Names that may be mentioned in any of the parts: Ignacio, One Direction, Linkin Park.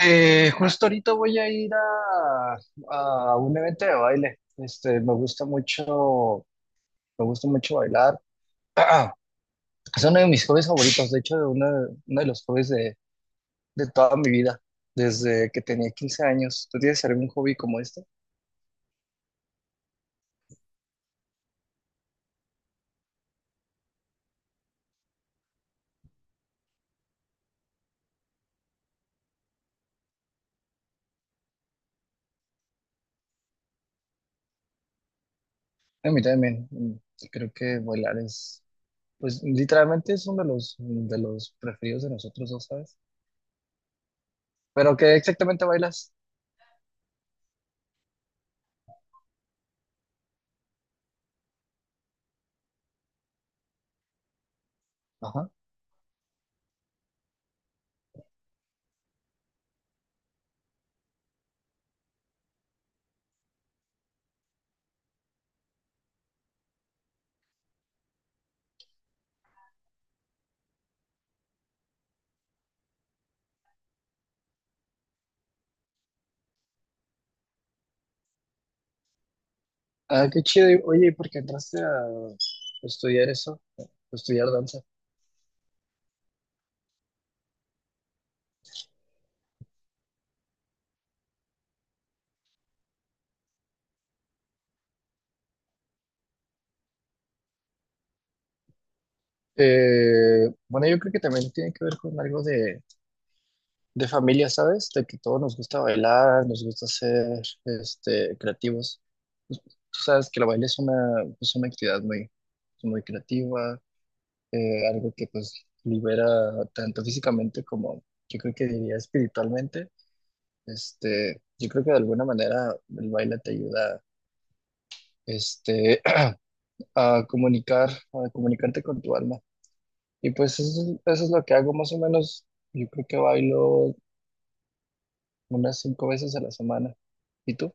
Justo ahorita voy a ir a un evento de baile. Me gusta mucho, me gusta mucho bailar. Es uno de mis hobbies favoritos, de hecho, de uno de los hobbies de toda mi vida, desde que tenía 15 años. ¿Tú tienes algún hobby como este? A mí también. Creo que bailar es, pues, literalmente es uno de los preferidos de nosotros dos, ¿sabes? Pero ¿qué exactamente bailas? Ajá. Ah, qué chido. Oye, ¿y por qué entraste a estudiar eso? Estudiar danza. Bueno, yo creo que también tiene que ver con algo de familia, ¿sabes? De que todos nos gusta bailar, nos gusta ser creativos. Pues, tú sabes que la baile es una, pues, una actividad muy, muy creativa, algo que pues libera tanto físicamente como yo creo que diría espiritualmente. Yo creo que de alguna manera el baile te ayuda este, a comunicarte con tu alma. Y pues eso, eso es lo que hago más o menos. Yo creo que bailo unas 5 veces a la semana. ¿Y tú?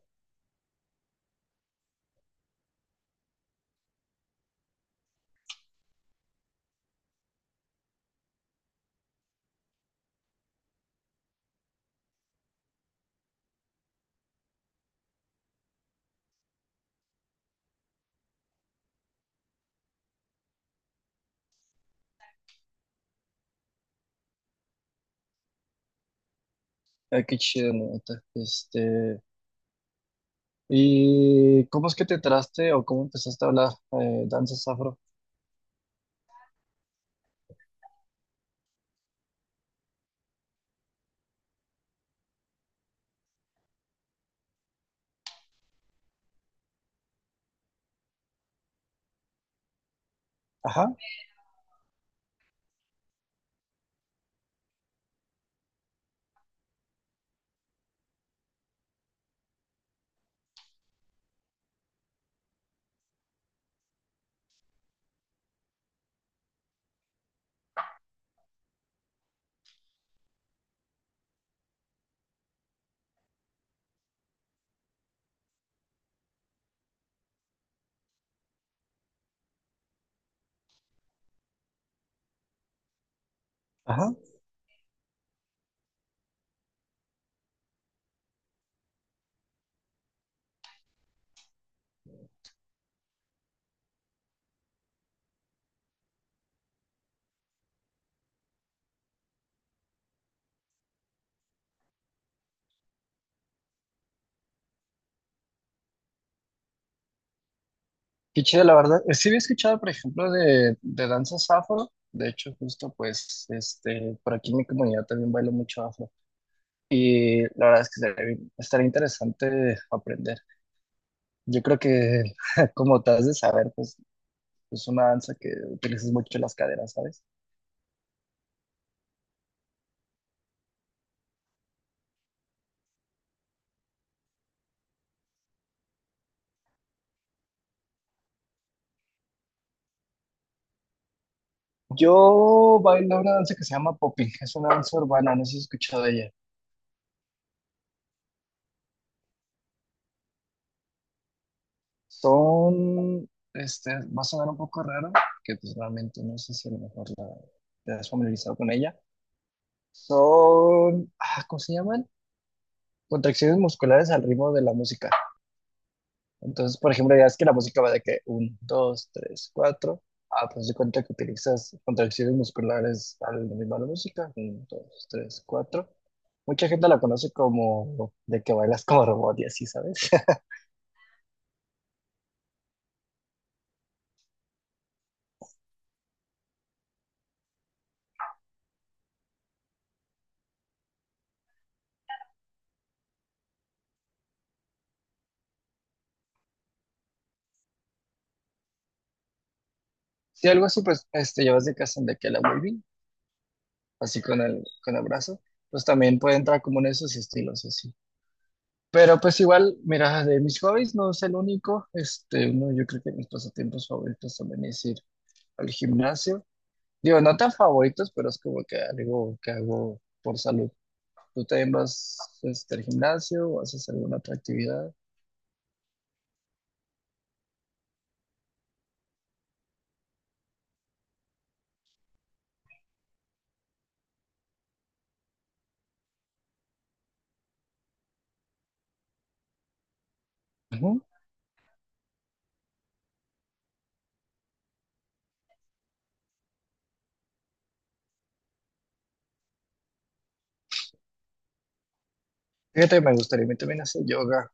Ay, qué chido, neta. ¿Y cómo es que te traste o cómo empezaste a hablar danzas afro? Ajá, ajá. Qué chido, la verdad. Sí había escuchado, por ejemplo, de danzas afro. De hecho, justo pues, este, por aquí en mi comunidad también bailo mucho afro. Y la verdad es que estaría interesante aprender. Yo creo que, como te has de saber, pues es una danza que utilizas mucho las caderas, ¿sabes? Yo bailo una danza que se llama popping. Es una danza urbana, no sé si has escuchado de ella. Son, este, va a sonar un poco raro, que pues realmente no sé si a lo mejor te has familiarizado con ella. Son, ¿cómo se llaman? Contracciones musculares al ritmo de la música. Entonces, por ejemplo, ya es que la música va de que uno 2 3 cuatro. Ah, pues de cuenta que utilizas contracciones musculares al ritmo de la música. Uno 2 3 cuatro. Mucha gente la conoce como de que bailas como robot y así, ¿sabes? Si algo así, pues este, llevas de casa de que la waving, así con el brazo, pues también puede entrar como en esos estilos así. Pero pues igual, mira, de mis hobbies no es el único. Este, no yo creo que mis pasatiempos favoritos también es ir al gimnasio. Digo, no tan favoritos, pero es como que algo que hago por salud. ¿Tú también vas al gimnasio o haces alguna otra actividad? Ujú. Fíjate, me gustaría a mí también hacer yoga,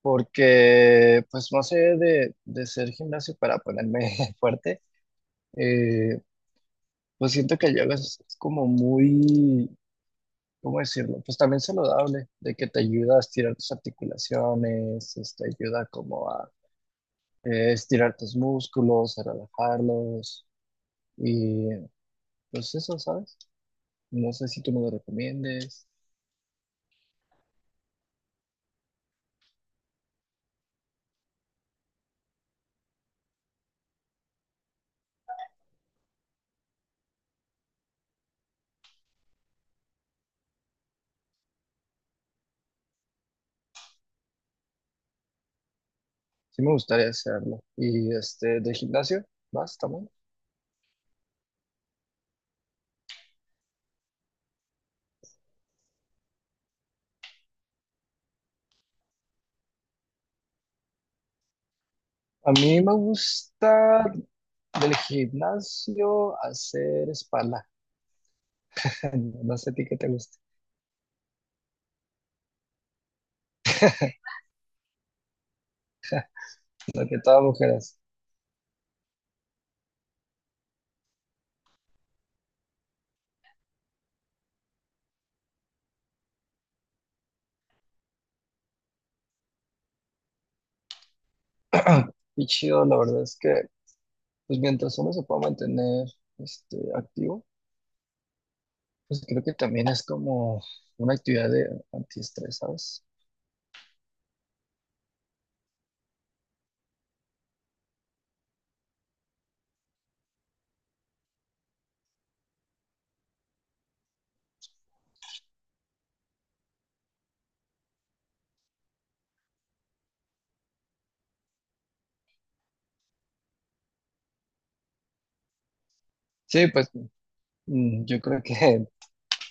porque pues no sé de ser gimnasio para ponerme fuerte, eh, pues siento que el yoga es como muy, ¿cómo decirlo? Pues también saludable, de que te ayuda a estirar tus articulaciones, ayuda como a estirar tus músculos, a relajarlos. Y pues eso, ¿sabes? No sé si tú me lo recomiendes. Sí me gustaría hacerlo. Y este, de gimnasio, ¿vas también? A mí me gusta del gimnasio hacer espalda. No sé a ti qué te gusta. Lo que todas mujeres. Y chido, la verdad es que, pues mientras uno se pueda mantener activo, pues creo que también es como una actividad de antiestrés, ¿sabes? Sí, pues yo creo que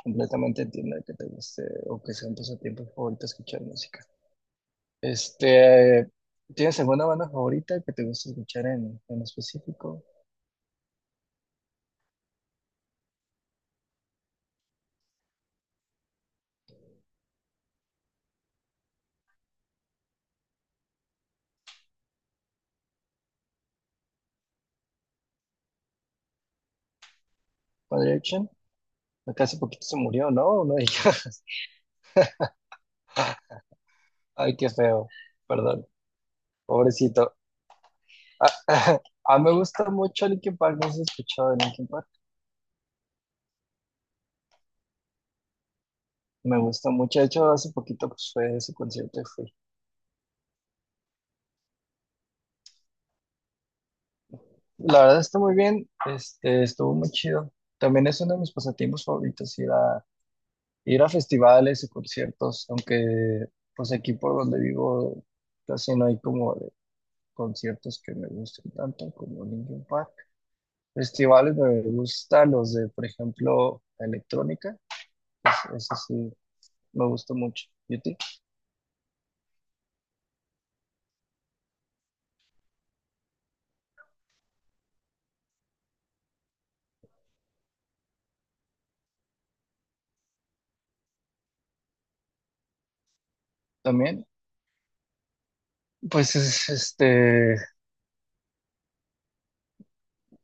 completamente entiendo que te guste o que sea un pasatiempo favorito escuchar música. Este, ¿tienes alguna banda favorita que te guste escuchar en específico? One Direction, acá hace poquito se murió, ¿no? No digas. Ay, qué feo. Perdón, pobrecito. Ah, ah, me gusta mucho Linkin Park, no sé si has escuchado de Linkin Park. Me gusta mucho, de hecho, hace poquito pues, fue su concierto y fui. La verdad está muy bien, este, estuvo muy chido. También es uno de mis pasatiempos favoritos ir a festivales y conciertos, aunque pues aquí por donde vivo casi no hay como de conciertos que me gusten tanto como Linkin Park. Festivales me gustan los de, por ejemplo, electrónica, es, eso sí, me gusta mucho. ¿Y a ti? También, pues es este,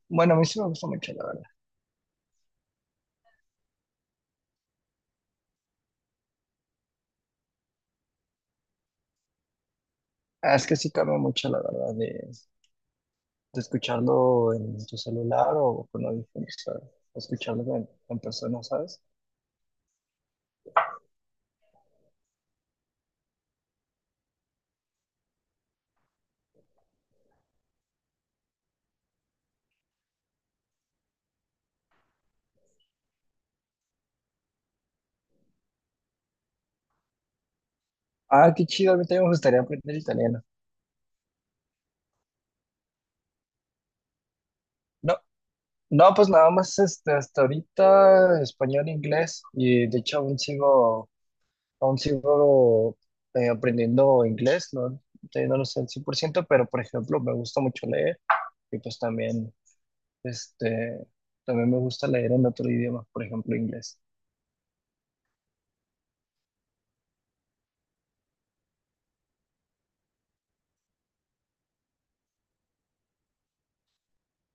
bueno, a mí sí me gusta mucho, la verdad. Ah, es que sí cambia mucho, la verdad, de escucharlo en tu celular o con audífonos, o escucharlo en persona, ¿sabes? Ah, qué chido, a mí también me gustaría aprender italiano. No, no, pues nada más este, hasta ahorita español, inglés y de hecho aún sigo aprendiendo inglés, no, todavía no lo sé al 100%, pero por ejemplo me gusta mucho leer y pues también, este, también me gusta leer en otro idioma, por ejemplo inglés.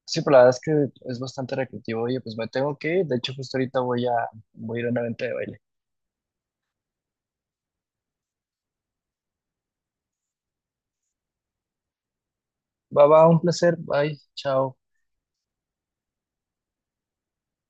Sí, pero la verdad es que es bastante recreativo. Oye, pues me tengo que ir, de hecho justo ahorita voy a ir a una venta de baile. Va, va, un placer, bye, chao.